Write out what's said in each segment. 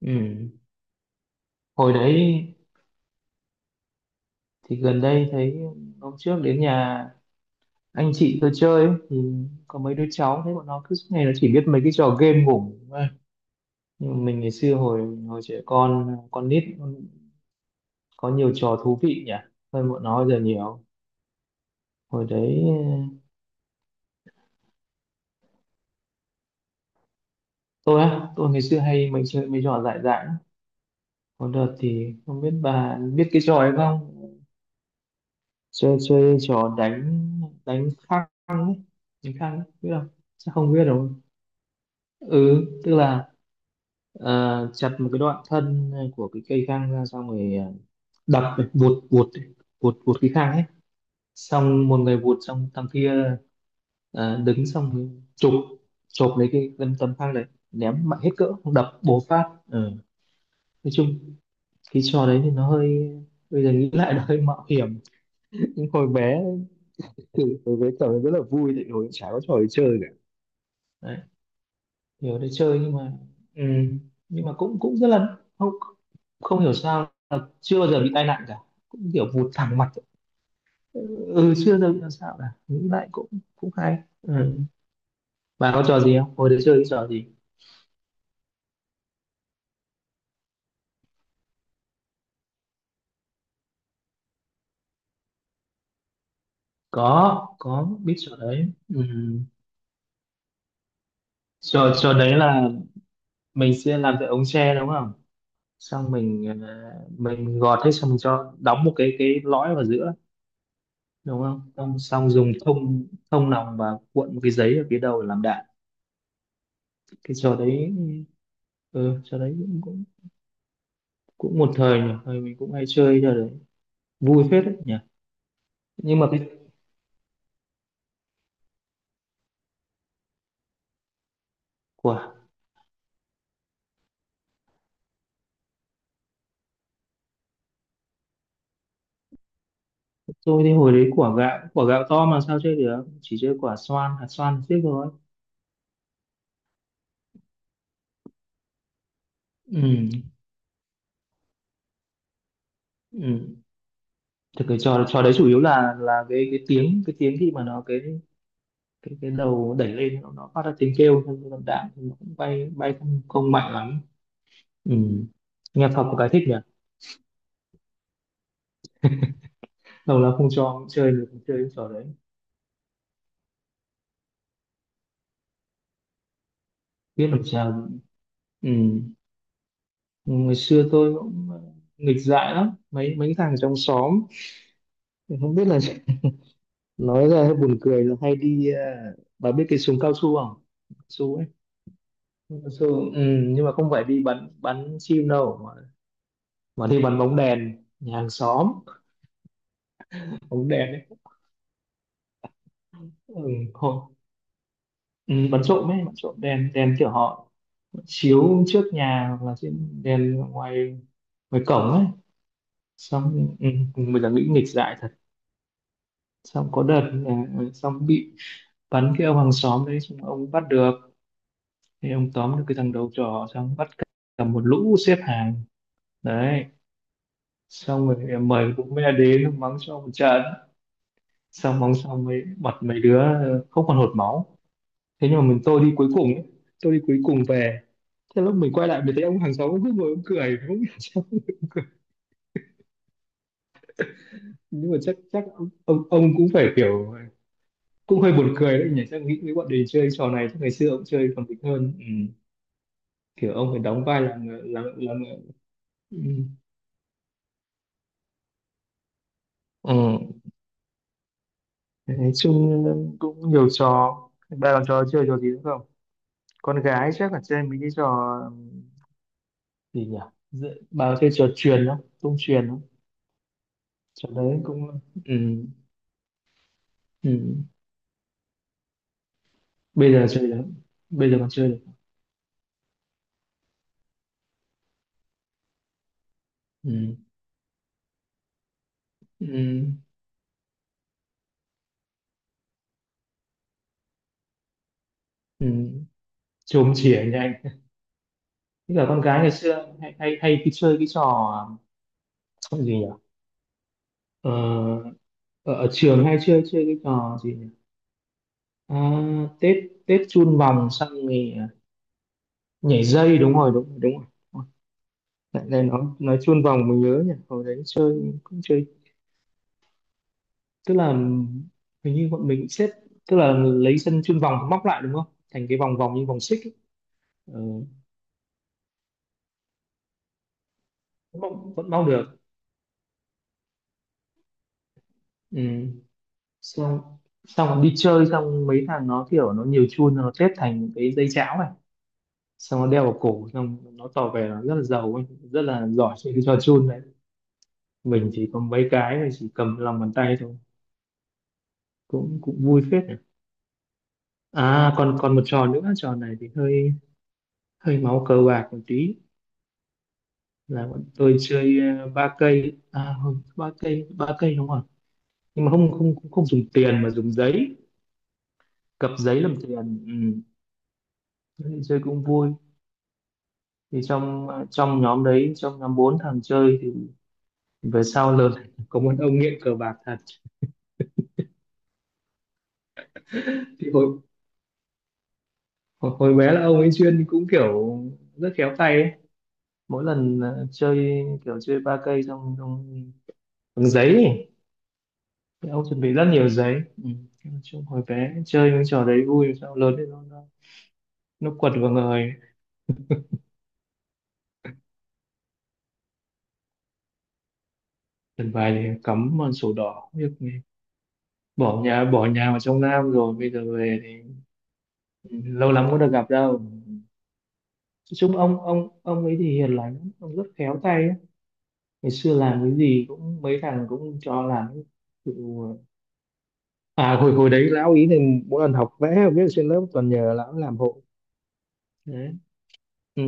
Ừ. Hồi đấy thì gần đây thấy hôm trước đến nhà anh chị tôi chơi ấy, thì có mấy đứa cháu, thấy bọn nó cứ suốt ngày nó chỉ biết mấy cái trò game ngủ thôi. Nhưng mà mình ngày xưa hồi hồi trẻ con nít có nhiều trò thú vị nhỉ, hơn bọn nó bây giờ nhiều. Hồi đấy tôi ngày xưa hay mình chơi mấy trò dại dại lắm. Có đợt thì không biết bà biết cái trò ấy không, chơi chơi trò đánh đánh khăn ấy, đánh khăn ấy biết không, chắc không biết đâu. Ừ, tức là Ờ, chặt một cái đoạn thân của cái cây khang ra, xong rồi đập ấy, vuột vuột cái khang ấy. Xong một người vuột xong thằng kia đứng xong rồi chụp chụp lấy cái tấm tấm khang đấy, ném mạnh hết cỡ đập bố phát. Ờ, nói chung cái trò đấy thì nó hơi, bây giờ nghĩ lại nó hơi mạo hiểm. Nhưng hồi bé trò đấy rất là vui, tại vì hồi chả có trò để chơi cả, kiểu để chơi, ừ nhưng mà cũng cũng rất là không không hiểu sao là chưa bao giờ bị tai nạn cả, cũng kiểu vụt thẳng mặt. Ừ, chưa bao giờ bị làm sao cả, nghĩ lại cũng cũng hay. Ừ. Bà có trò gì không, hồi đấy chơi cái trò gì? Có biết trò đấy. Ừ. trò trò đấy là mình sẽ làm cái ống tre đúng không, xong mình gọt hết, xong mình cho đóng một cái lõi vào giữa đúng không, xong dùng thông thông nòng và cuộn một cái giấy ở phía đầu để làm đạn. Cái trò đấy, ừ, trò đấy cũng cũng cũng một thời nhỉ, thời mình cũng hay chơi trò đấy, vui phết đấy nhỉ. Nhưng mà cái quả tôi thì hồi đấy quả gạo, quả gạo to mà sao chơi được, chỉ chơi quả xoan hạt xoan tiếp thôi. Ừ, ừ, thì cái trò trò đấy chủ yếu là cái tiếng cái tiếng khi mà nó cái đầu đẩy lên, nó phát ra tiếng kêu, xong rồi đạn thì nó cũng bay bay, không không mạnh lắm. Ừ, nghe thật có cái thích nhỉ, lâu lắm không cho chơi được chơi cái trò đấy, biết làm sao. Ừ, ngày xưa tôi cũng nghịch dại lắm, mấy mấy thằng trong xóm không biết là nói ra hơi buồn cười, là hay đi bà biết cái súng cao su không, su ấy, cao su. Ừ, nhưng mà không phải đi bắn bắn chim đâu mà, đi bắn bóng đèn nhà hàng xóm, bóng đèn ấy. Ừ, hồi, ừ, bắn trộm ấy, bắn trộm đèn đèn kiểu họ chiếu trước nhà, hoặc là trên đèn ngoài ngoài cổng ấy. Xong ừ, mình là nghĩ nghịch dại thật. Xong có đợt là xong bị bắn, cái ông hàng xóm đấy xong ông bắt được, thì ông tóm được cái thằng đầu trò, xong bắt cả cả một lũ xếp hàng đấy, xong rồi em mời cũng mẹ đến mắng cho một trận, xong mắng xong mấy mặt mấy đứa không còn hột máu. Thế nhưng mà tôi đi cuối cùng ấy, tôi đi cuối cùng về, thế lúc mình quay lại mình thấy ông hàng xóm cứ ngồi ông cười không hiểu sao. Nhưng mà chắc chắc ông cũng phải kiểu cũng hơi buồn cười đấy nhỉ, chắc nghĩ với bọn mình chơi trò này chắc ngày xưa ông chơi còn mình hơn. Ừ. Kiểu ông phải đóng vai là người, là người. Ừ. Ừ. Nói chung cũng nhiều trò. Ba làm trò chơi trò gì nữa không? Con gái chắc là chơi mấy cái trò gì nhỉ, bà có chơi trò truyền không, tung truyền không? Trò đấy cũng, ừ. Ừ. Bây giờ chơi được, bây giờ còn chơi được. Ừ. Ừ. Ừ. Chôm chỉa nhanh. Thế là con gái ngày xưa hay hay hay cái chơi cái trò gì nhỉ, ờ, ở trường hay chơi chơi cái trò gì nhỉ? À, Tết Tết chun vòng, xong thì nhảy dây đúng rồi, đúng rồi, đúng rồi. Ôi, lại đây nó nói chun vòng mình nhớ nhỉ, hồi đấy chơi cũng chơi, tức là hình như bọn mình xếp, tức là lấy sân chun vòng móc lại đúng không, thành cái vòng vòng như vòng xích ấy. Ừ, vẫn móc được. Ừ. xong xong còn đi chơi, xong mấy thằng nó kiểu nó nhiều chun nó xếp thành cái dây cháo này, xong nó đeo vào cổ, xong nó tỏ vẻ nó rất là giàu ấy, rất là giỏi chơi cái trò chun đấy. Mình chỉ có mấy cái mình chỉ cầm lòng bàn tay thôi, cũng cũng vui phết nhỉ. À, còn còn một trò nữa, trò này thì hơi hơi máu cờ bạc một tí, là bọn tôi chơi ba cây, à không, ba cây đúng không, nhưng mà không không cũng không dùng tiền mà dùng giấy, cặp giấy làm tiền. Ừ. Thế thì chơi cũng vui, thì trong nhóm đấy, trong nhóm bốn thằng chơi thì về sau lớn có một ông nghiện cờ bạc thật. Thì hồi, hồi hồi bé là ông ấy chuyên cũng kiểu rất khéo tay ấy, mỗi lần chơi kiểu chơi ba cây trong trong bằng giấy ấy. Thì ông chuẩn bị rất nhiều giấy. Ừ. Nói chung hồi bé chơi những trò đấy vui, sao lớn thì nó quật vào người. Lần bài thì cắm vào sổ đỏ việc này, bỏ nhà vào trong Nam rồi, bây giờ về thì lâu lắm có được gặp đâu, nói chung ông ấy thì hiền lành lắm, ông rất khéo tay ấy. Ngày xưa làm cái gì cũng mấy thằng cũng cho làm tự... à hồi hồi đấy lão ý thì mỗi lần học vẽ viết trên lớp toàn nhờ lão làm hộ đấy. Ừ.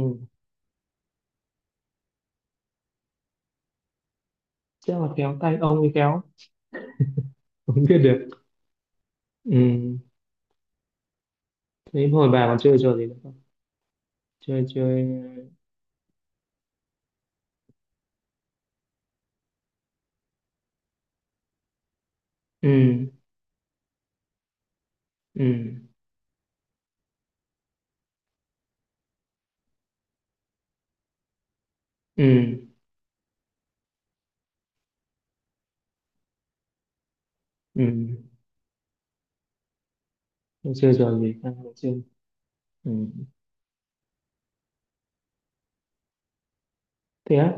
Chắc là khéo tay ông ấy khéo, không biết được. Ừ. Thế hồi bà còn chơi trò gì nữa không? Chơi chơi. Ừ, ừ, ừ, ừ. Còn chơi trò gì ta, không chơi. Ừ. Thế á,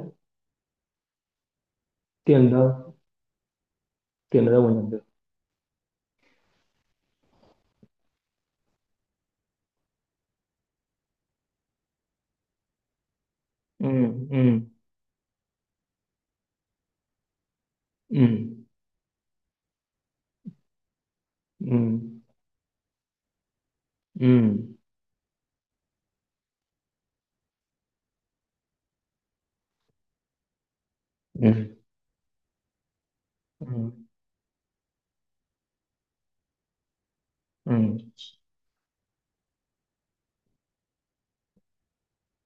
tiền đâu? Tiền ở đâu mà nhận được? Ừ, ừ, ừ, ừ, ừ, ừ, ừ, ừ,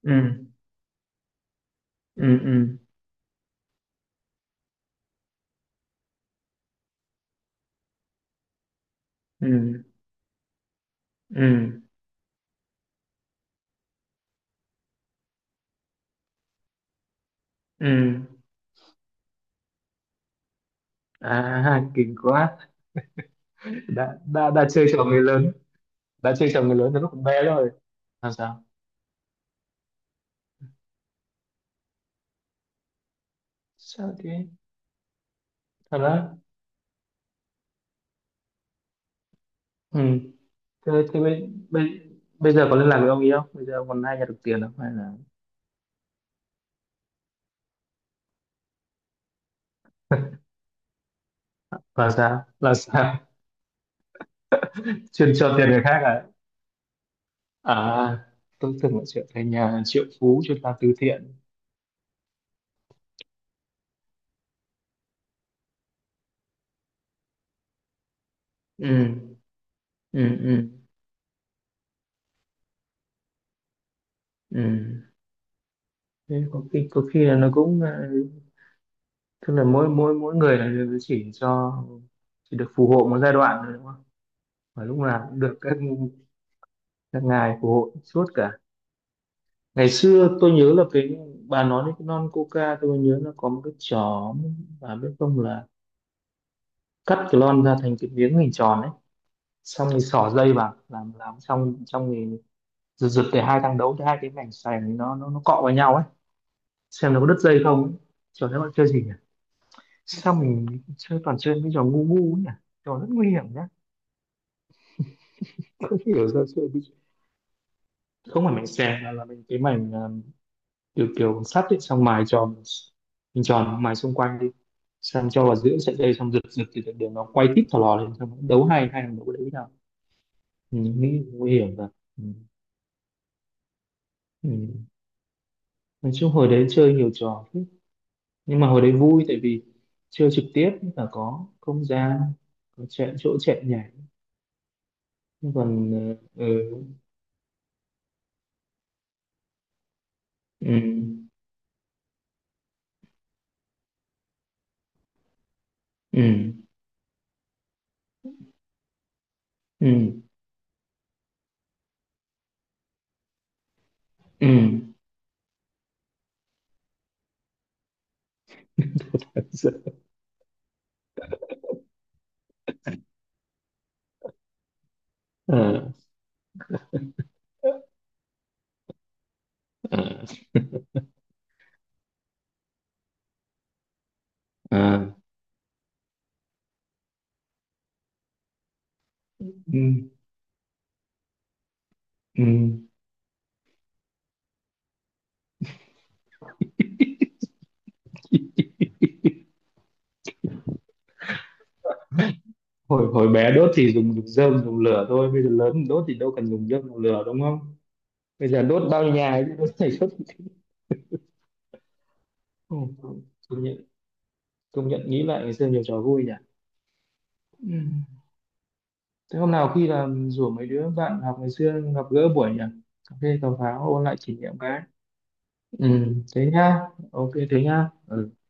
ừ, ừ, ừ, ừ, ừ, ừ. À, kinh quá. Đã chơi trò người lớn, đã chơi trò người lớn từ lúc còn bé rồi. Làm sao? Sao thế? Thật á? Ừ. Thế bây giờ có liên lạc với ông ý không? Bây giờ ông còn hay nhận được tiền không? Hay là là sao? Là sao? Chuyên cho tiền người khác à? À, tôi tưởng là chuyện thành nhà triệu phú chuyên làm từ thiện. Ừ, ừ, ừ, ừ. Thế có khi, là nó cũng tức là mỗi mỗi mỗi người là chỉ được phù hộ một giai đoạn thôi đúng không? Và lúc nào cũng được các ngài phù hộ suốt cả. Ngày xưa tôi nhớ là cái bà nói đến cái lon coca, tôi nhớ nó có một cái chó, bà biết không, là cắt cái lon ra thành cái miếng hình tròn ấy, xong thì xỏ dây vào làm xong xong thì giật giật để hai thằng đấu hai cái mảnh sành ấy, nó cọ vào nhau ấy, xem nó có đứt dây không ấy. Trò đấy bạn chơi gì nhỉ? Sao mình toàn chơi mấy trò ngu ngu ấy nhỉ, trò rất nguy hiểm nhá, không hiểu sao chơi không phải mảnh sành mà là mình cái mảnh, kiểu kiểu sắt ấy, xong mài tròn mình tròn mài xung quanh đi, xong cho vào giữa sợi dây, xong giật giật thì để nó quay tít thò lò lên, xong nó đấu hai hai thằng đấu đấy với nhau. Ừ, nghĩ nguy hiểm rồi. Ừ. Ừ. Nói chung hồi đấy chơi nhiều trò thế. Nhưng mà hồi đấy vui tại vì chơi trực tiếp, là có không gian, có chạy chỗ chạy nhảy. Nhưng còn ừ, ừ, ừ, ừ, ừ. Ờ, ờ, ờ, ừ, ừ. hồi hồi bé đốt thì dùng dùng rơm dùng lửa thôi, bây giờ lớn đốt thì đâu cần dùng rơm dùng lửa đúng không, bây giờ đốt bao nhiêu nhà ấy chứ đốt, thầy đốt. Ừ, công nhận, công nhận nghĩ lại ngày xưa nhiều trò vui nhỉ. Ừ. Thế hôm nào khi là rủ mấy đứa bạn học ngày xưa gặp gỡ buổi nhỉ, cà phê cà pháo ôn lại kỷ niệm cái. Ừ thế nhá, ok thế nhá. Ừ.